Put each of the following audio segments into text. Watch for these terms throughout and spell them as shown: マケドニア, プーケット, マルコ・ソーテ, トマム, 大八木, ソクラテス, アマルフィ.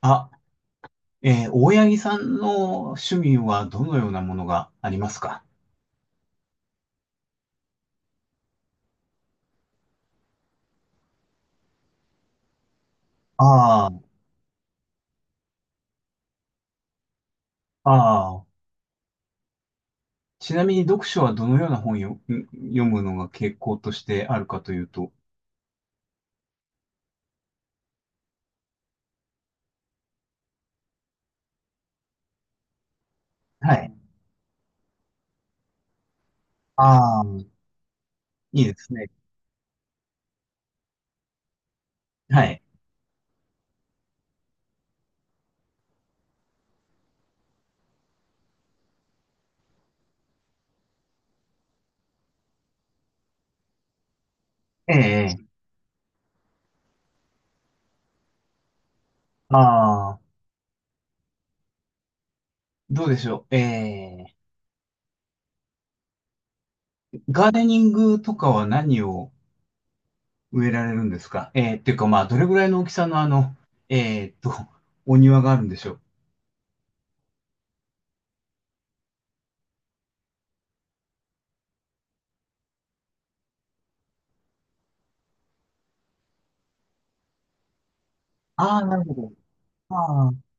あ、大八木さんの趣味はどのようなものがありますか？ああ、ああ。ちなみに読書はどのような本読むのが傾向としてあるかというと。はい。ああ、いいですね。はい。ええ、ああ、どうでしょう。ええ、ガーデニングとかは何を植えられるんですか？ええ、っていうかまあ、どれぐらいの大きさのええと、お庭があるんでしょう？ああ、なるほど。ああ、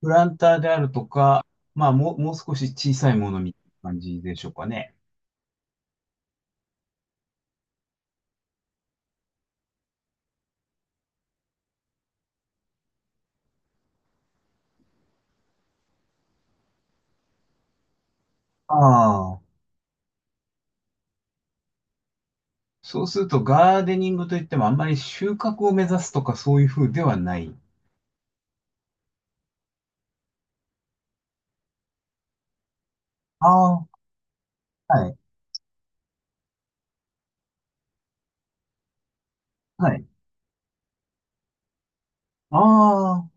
プランターであるとか、まあ、もう少し小さいものみたいな感じでしょうかね。ああ。そうすると、ガーデニングといっても、あんまり収穫を目指すとか、そういう風ではない。ああ、はい、はい。ああ。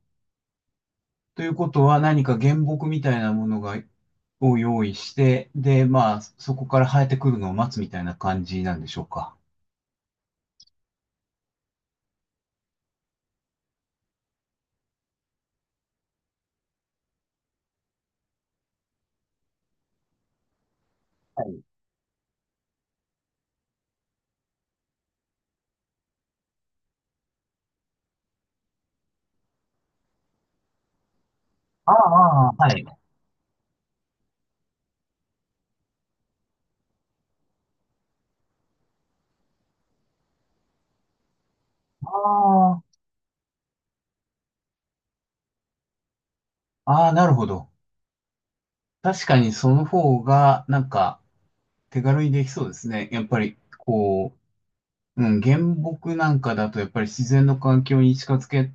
ということは、何か原木みたいなものを用意して、で、まあ、そこから生えてくるのを待つみたいな感じなんでしょうか？はい。ああ、ああ、はい。ああ、ああ、なるほど。確かにその方が、なんか、手軽にできそうですね。やっぱり、うん、原木なんかだと、やっぱり自然の環境に近づけ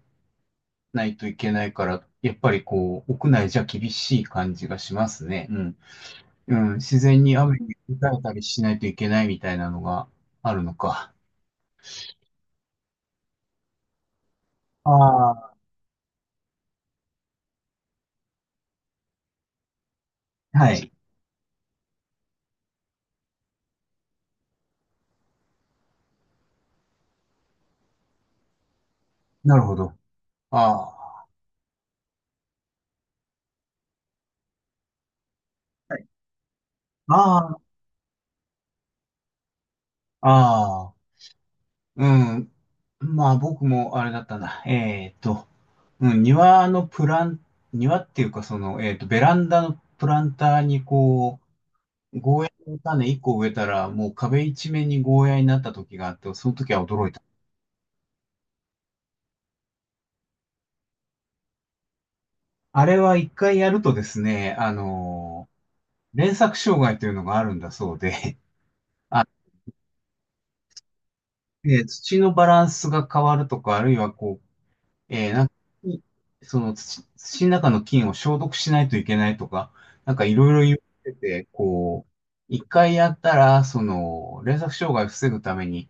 ないといけないから、やっぱり屋内じゃ厳しい感じがしますね。うん。うん、自然に雨に打たれたりしないといけないみたいなのがあるのか。ああ、はい。なるほど。ああ、はい、あ、ああ、ああ、うん。まあ僕もあれだったな。うん、庭のプラン、庭っていうか、ベランダのプランターにゴーヤの種1個植えたら、もう壁一面にゴーヤになった時があって、その時は驚いた。あれは一回やるとですね、連作障害というのがあるんだそうで、あ、土のバランスが変わるとか、あるいはこえー、なんか、いその土の中の菌を消毒しないといけないとか、なんかいろいろ言ってて、一回やったら、連作障害を防ぐために、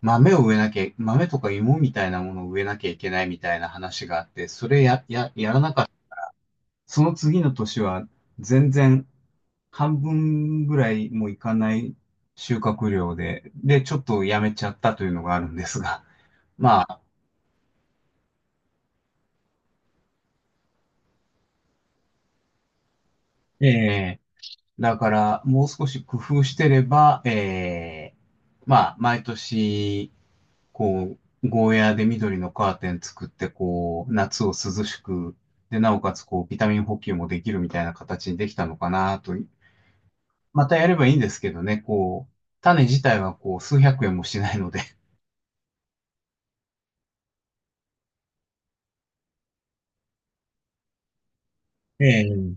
豆を植えなきゃ、豆とか芋みたいなものを植えなきゃいけないみたいな話があって、それ、やらなかった。その次の年は、全然、半分ぐらいもいかない収穫量で、ちょっとやめちゃったというのがあるんですが、まあ、ええだから、もう少し工夫してれば、まあ、毎年、こゴーヤーで緑のカーテン作って、こう、夏を涼しく、で、なおかつ、ビタミン補給もできるみたいな形にできたのかなと。またやればいいんですけどね、こう、種自体は、こう、数百円もしないので。ええ。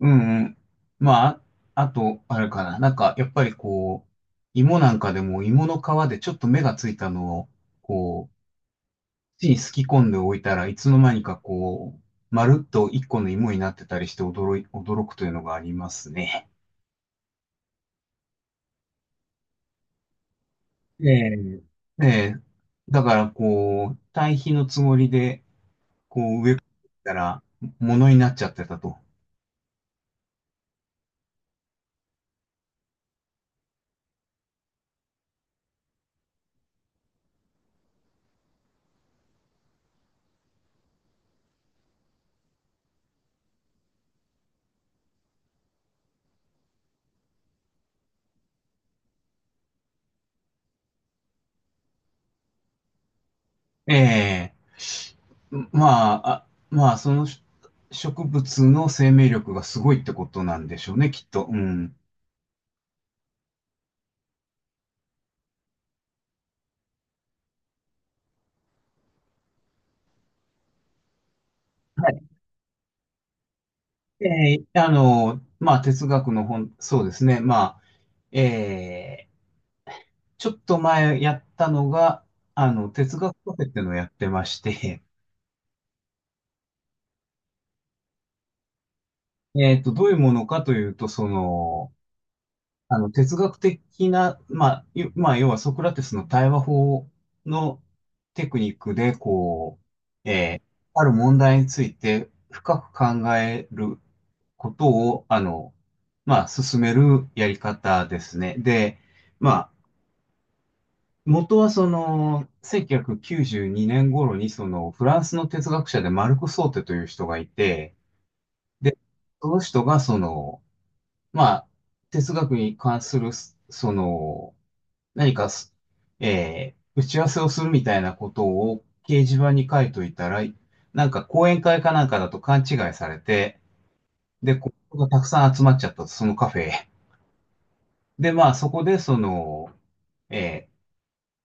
うんうん。まあ、あと、あれかな。なんか、やっぱり芋なんかでも芋の皮でちょっと芽がついたのを、こ地にすき込んでおいたらいつの間にかまるっと一個の芋になってたりして驚くというのがありますね。ええ、ええ、だから堆肥のつもりで、こう植えたら、ものになっちゃってたと。ええ、まあ、そのし植物の生命力がすごいってことなんでしょうね、きっと。うん。はい。ええ、まあ、哲学の本、そうですね。まあ、ええちょっと前やったのが、哲学カフェっていうのをやってまして、どういうものかというと、哲学的な、まあ、要はソクラテスの対話法のテクニックで、ある問題について深く考えることを、まあ、進めるやり方ですね。で、まあ、元はその、1992年頃にその、フランスの哲学者でマルコ・ソーテという人がいて、で、その人がその、まあ、哲学に関する、その、何かす、えー打ち合わせをするみたいなことを掲示板に書いといたら、なんか講演会かなんかだと勘違いされて、で、ここがたくさん集まっちゃったと、そのカフェへ。で、まあ、そこでその、えー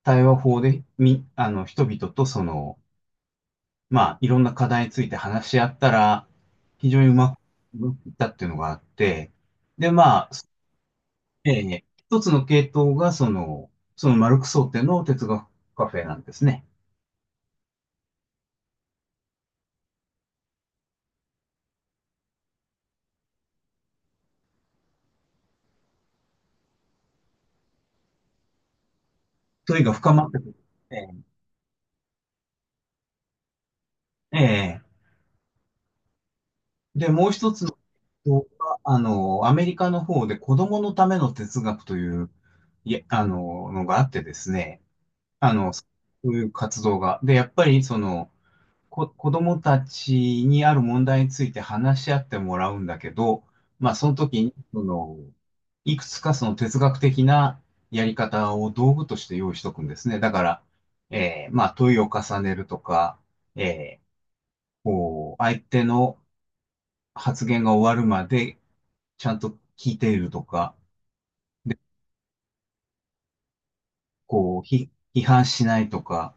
対話法で、み、あの、人々とその、まあ、いろんな課題について話し合ったら、非常にうまくいったっていうのがあって、で、まあ、一つの系統が、その、マルクス想定の哲学カフェなんですね。問いが深まってくる。ええ、ええ。で、もう一つの系統が、あの、アメリカの方で子供のための哲学という、のがあってですね、そういう活動が。で、やっぱり、子供たちにある問題について話し合ってもらうんだけど、まあ、その時に、その、いくつかその哲学的なやり方を道具として用意しとくんですね。だから、まあ、問いを重ねるとか、えーこう、相手の発言が終わるまでちゃんと聞いているとか、で、批判しないとか、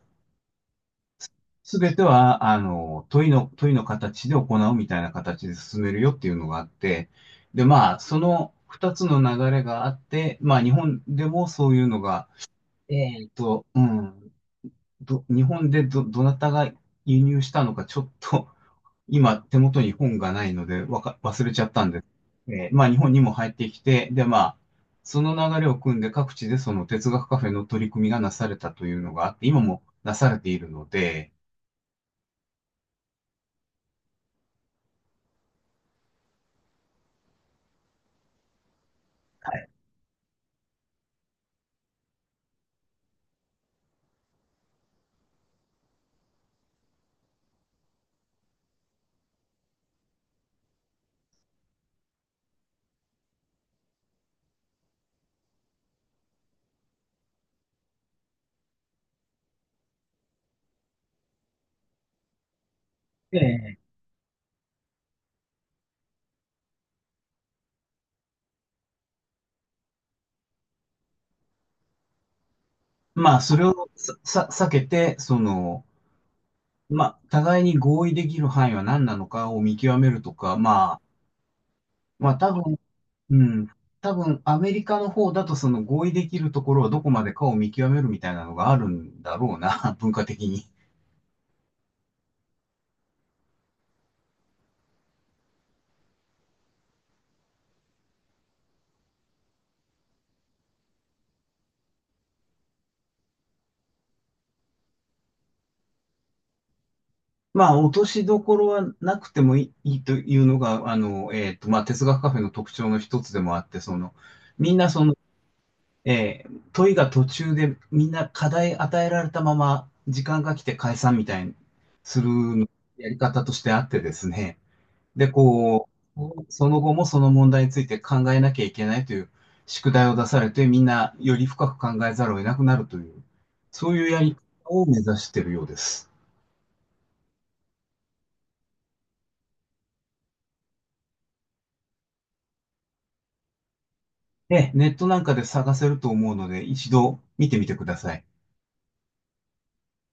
すべては、問いの形で行うみたいな形で進めるよっていうのがあって、で、まあ、その二つの流れがあって、まあ、日本でもそういうのが、えっと、うん、日本でどなたが輸入したのか、ちょっと、今、手元に本がないので、忘れちゃったんです。まあ、日本にも入ってきて、で、まあ、その流れを組んで、各地でその哲学カフェの取り組みがなされたというのがあって、今もなされているので、はい。ええまあ、それを避けて、まあ、互いに合意できる範囲は何なのかを見極めるとか、まあ、うん、多分、アメリカの方だと、その合意できるところはどこまでかを見極めるみたいなのがあるんだろうな、文化的に。まあ、落としどころはなくてもいいというのが、まあ、哲学カフェの特徴の一つでもあって、その、みんなその、問いが途中でみんな課題与えられたまま時間が来て解散みたいにするやり方としてあってですね。で、その後もその問題について考えなきゃいけないという宿題を出されてみんなより深く考えざるを得なくなるという、そういうやり方を目指しているようです。で、ネットなんかで探せると思うので一度見てみてください。